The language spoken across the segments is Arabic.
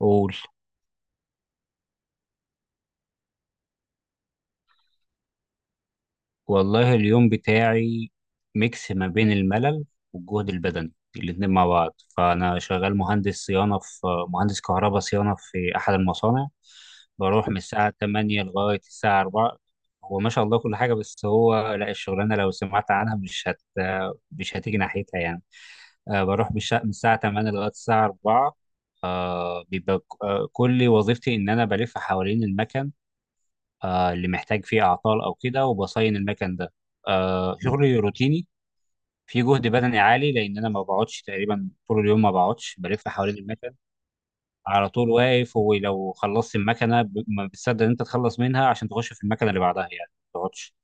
قول. والله اليوم بتاعي ميكس ما بين الملل والجهد البدني الاتنين مع بعض. فأنا شغال مهندس صيانة في مهندس كهرباء صيانة في أحد المصانع، بروح من الساعة 8 لغاية الساعة 4. هو ما شاء الله كل حاجة، بس هو لا، الشغلانة لو سمعت عنها مش هتيجي ناحيتها، يعني. بروح من الساعة 8 لغاية الساعة 4. آه بيبقى ك- آه، كل وظيفتي إن أنا بلف حوالين المكن اللي محتاج فيه اعطال او كده، وبصين المكن ده. شغلي روتيني، في جهد بدني عالي لان انا ما بقعدش تقريبا طول اليوم، ما بقعدش، بلف حوالين المكن، على طول واقف. ولو خلصت ما بتصدق ان انت تخلص منها عشان تخش في المكنه اللي بعدها، يعني ما تقعدش.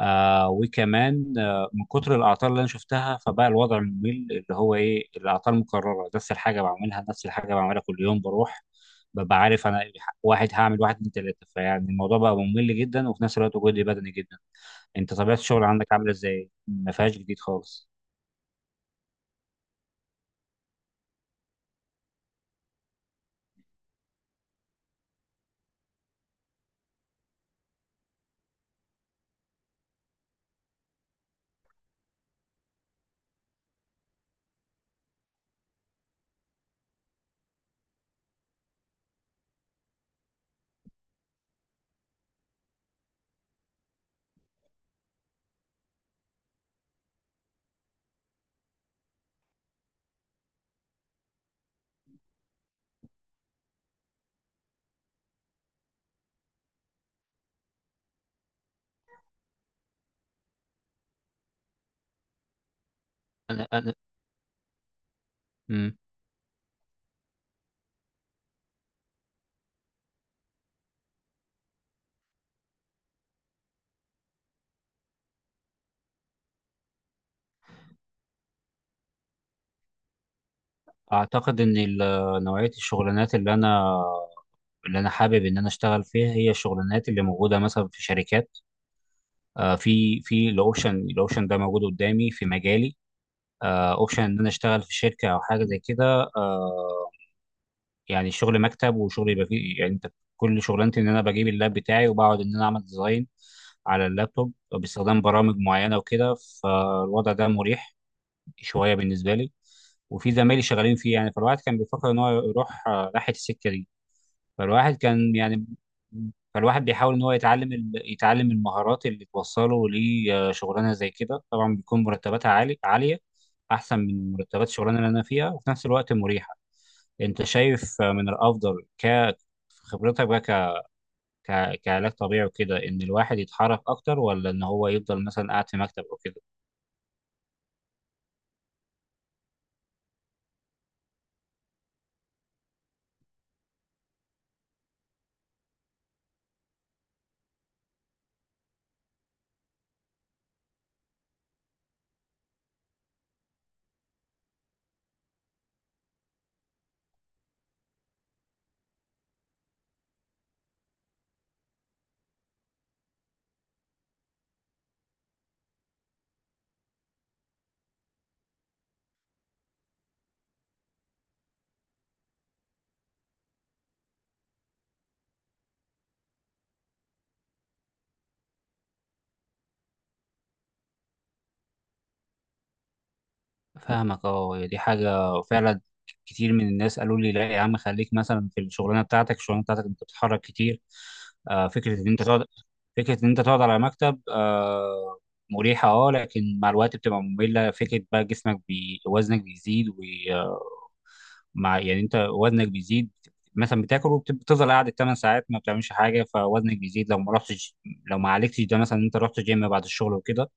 آه وكمان آه من كتر الاعطال اللي انا شفتها، فبقى الوضع ممل، اللي هو ايه، الاعطال مكرره، نفس الحاجه بعملها، نفس الحاجه بعملها كل يوم. بروح ببقى عارف انا واحد هعمل، واحد اتنين تلاته، فيعني الموضوع بقى ممل جدا، وفي نفس الوقت جهدي بدني جدا. انت طبيعه الشغل عندك عامله ازاي؟ ما فيهاش جديد خالص. انا مم. اعتقد ان نوعيه الشغلانات اللي انا حابب ان انا اشتغل فيها، هي الشغلانات اللي موجوده مثلا في شركات. في الاوبشن ده موجود قدامي في مجالي. اوبشن ان انا اشتغل في شركه او حاجه زي كده، يعني شغل مكتب، وشغل يبقى فيه، يعني انت كل شغلانتي ان انا بجيب اللاب بتاعي وبقعد ان انا اعمل ديزاين على اللابتوب باستخدام برامج معينه وكده. فالوضع ده مريح شويه بالنسبه لي، وفي زمايلي شغالين فيه، يعني فالواحد كان بيفكر ان هو يروح ناحيه السكه دي. فالواحد كان، يعني فالواحد بيحاول ان هو يتعلم يتعلم المهارات اللي توصله لشغلانه زي كده. طبعا بيكون مرتباتها عاليه، احسن من مرتبات الشغلانه اللي انا فيها، وفي نفس الوقت مريحه. انت شايف من الافضل في خبرتك بقى ك... ك- كعلاج طبيعي وكده، ان الواحد يتحرك اكتر ولا ان هو يفضل مثلا قاعد في مكتب او كده؟ فاهمك اه. دي حاجة فعلا، كتير من الناس قالوا لي، لا يا عم خليك مثلا في الشغلانة بتاعتك انت بتتحرك كتير. آه فكرة ان انت تقعد فكرة ان انت تقعد على مكتب، آه مريحة اه، لكن مع الوقت بتبقى مملة. فكرة بقى جسمك وزنك بيزيد، مع، يعني انت وزنك بيزيد، مثلا بتاكل وبتفضل قاعد 8 ساعات ما بتعملش حاجه، فوزنك بيزيد لو ما رحتش، لو ما عالجتش ده، مثلا انت رحت جيم بعد الشغل وكده.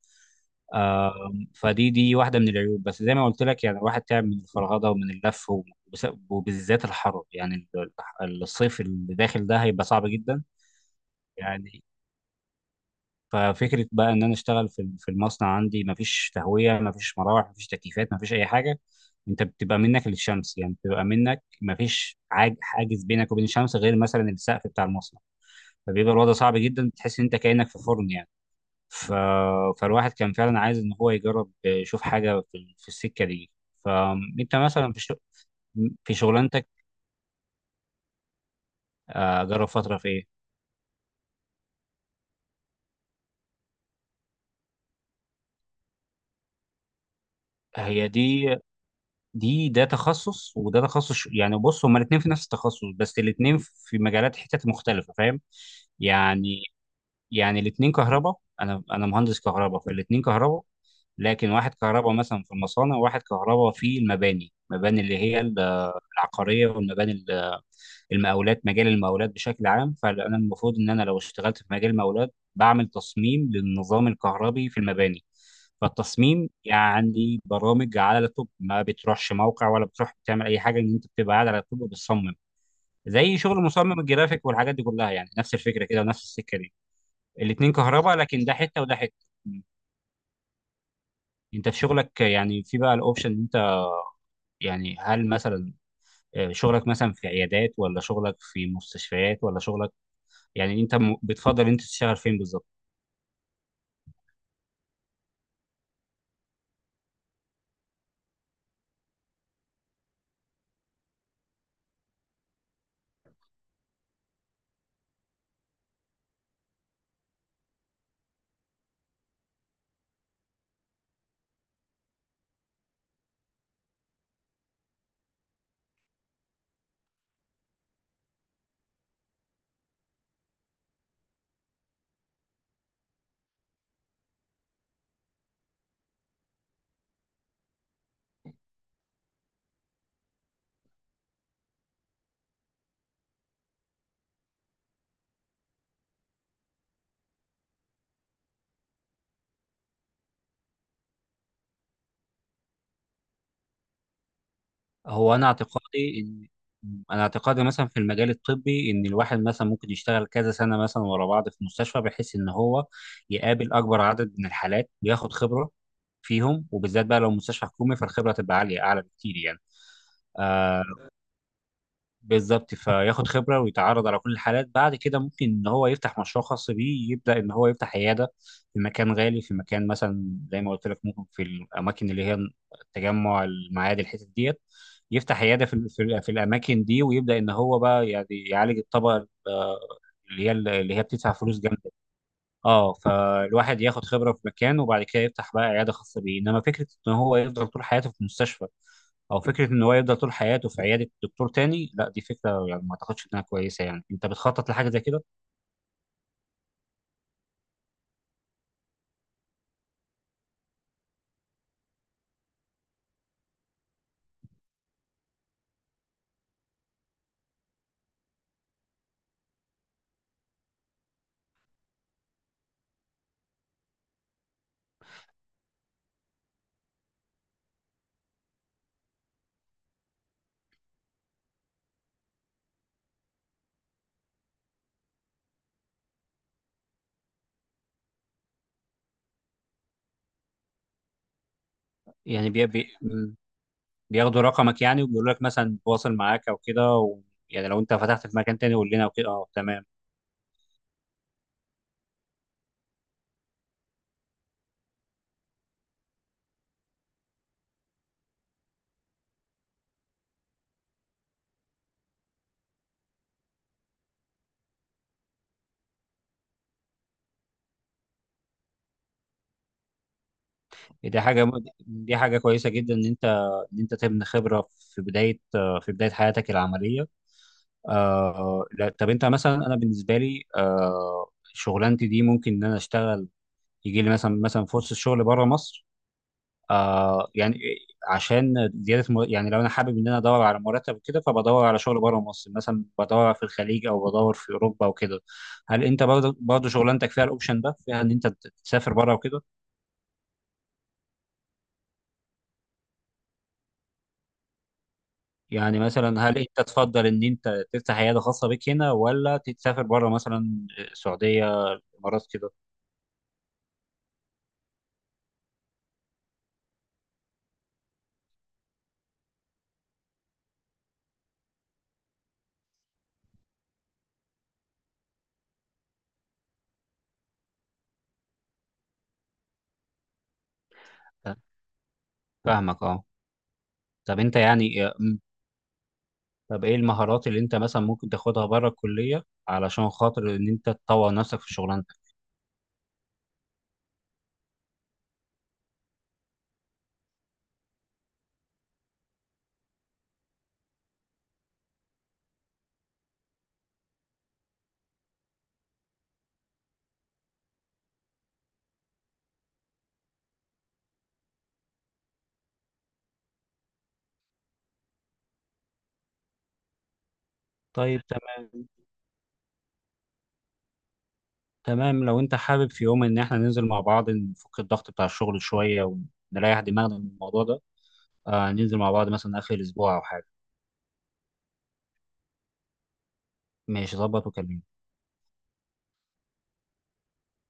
فدي واحده من العيوب. بس زي ما قلت لك، يعني الواحد تعب من الفرهده ومن اللف، وبالذات الحر يعني، الصيف اللي داخل ده هيبقى صعب جدا يعني. ففكره بقى ان انا اشتغل في المصنع، عندي مفيش تهويه، مفيش مراوح، مفيش تكييفات، مفيش اي حاجه. انت بتبقى منك للشمس، يعني بتبقى منك مفيش حاجز بينك وبين الشمس غير مثلا السقف بتاع المصنع. فبيبقى الوضع صعب جدا، بتحس ان انت كانك في فرن يعني. ف... فالواحد كان فعلا عايز ان هو يجرب يشوف حاجه في السكه دي. فانت مثلا في الشغل، في شغلانتك، جرب فترة في ايه؟ هي دي، ده تخصص وده تخصص يعني بص، هما الاثنين في نفس التخصص، بس الاثنين في مجالات حتت مختلفة، فاهم. يعني الاثنين كهرباء، انا مهندس كهرباء، فالاثنين كهرباء. لكن واحد كهرباء مثلا في المصانع، وواحد كهرباء في المباني اللي هي العقاريه، والمباني المقاولات، مجال المقاولات بشكل عام. فانا المفروض ان انا لو اشتغلت في مجال المقاولات بعمل تصميم للنظام الكهربي في المباني، فالتصميم يعني برامج على لابتوب، ما بتروحش موقع ولا بتروح بتعمل اي حاجه، ان انت بتبقى قاعد على لابتوب وبتصمم، زي شغل مصمم الجرافيك والحاجات دي كلها، يعني نفس الفكره كده ونفس السكه دي. الاتنين كهرباء لكن ده حته وده حته. انت في شغلك يعني، في بقى الاوبشن ان انت، يعني هل مثلا شغلك مثلا في عيادات ولا شغلك في مستشفيات ولا شغلك، يعني انت بتفضل انت تشتغل فين بالظبط؟ هو انا اعتقادي ان انا اعتقادي مثلا في المجال الطبي، ان الواحد مثلا ممكن يشتغل كذا سنه مثلا ورا بعض في مستشفى، بحيث ان هو يقابل اكبر عدد من الحالات وياخد خبره فيهم، وبالذات بقى لو مستشفى حكومي فالخبره تبقى عاليه، اعلى بكتير يعني. آه، بالظبط، فياخد خبرة ويتعرض على كل الحالات. بعد كده ممكن ان هو يفتح مشروع خاص بيه، يبدأ ان هو يفتح عيادة في مكان غالي، في مكان مثلا زي ما قلت لك، ممكن في الاماكن اللي هي التجمع، المعادي، الحتت ديت. يفتح عيادة في الاماكن دي، ويبدأ ان هو بقى يعني يعالج الطبقة اللي هي بتدفع فلوس جامدة. اه، فالواحد ياخد خبرة في مكان وبعد كده يفتح بقى عيادة خاصة بيه، انما فكرة ان هو يفضل طول حياته في مستشفى، او فكرة ان هو يفضل طول حياته في عيادة دكتور تاني، لا، دي فكرة يعني ما اعتقدش انها كويسة. يعني انت بتخطط لحاجة زي كده، يعني بياخدوا رقمك يعني، وبيقولوا لك مثلا تواصل معاك او كده، يعني لو انت فتحت في مكان تاني قول لنا وكده؟ اه، تمام. دي حاجة دي حاجة كويسة جدا ان انت، ان انت تبني خبرة في بداية حياتك العملية. لا، طب انت مثلا، انا بالنسبه لي شغلانتي دي ممكن ان انا اشتغل، يجي لي مثلا فرصه شغل بره مصر، آه يعني عشان زياده يعني لو انا حابب ان انا ادور على مرتب كده، فبدور على شغل بره مصر، مثلا بدور في الخليج او بدور في اوروبا وكده. هل انت برضه شغلانتك فيها الاوبشن ده، فيها ان انت تسافر بره وكده؟ يعني مثلا، هل انت تفضل ان انت تفتح عياده خاصه بيك هنا، ولا تسافر بره مثلا، السعوديه، الامارات، كده؟ فاهمك اه. طب انت يعني طب ايه المهارات اللي انت مثلا ممكن تاخدها بره الكلية علشان خاطر ان انت تطور نفسك في شغلانتك؟ طيب تمام. تمام، لو انت حابب في يوم ان احنا ننزل مع بعض، نفك الضغط بتاع الشغل شوية، ونريح دماغنا من الموضوع ده، ننزل مع بعض مثلا اخر الاسبوع او حاجة. ماشي، ظبط وكلمني.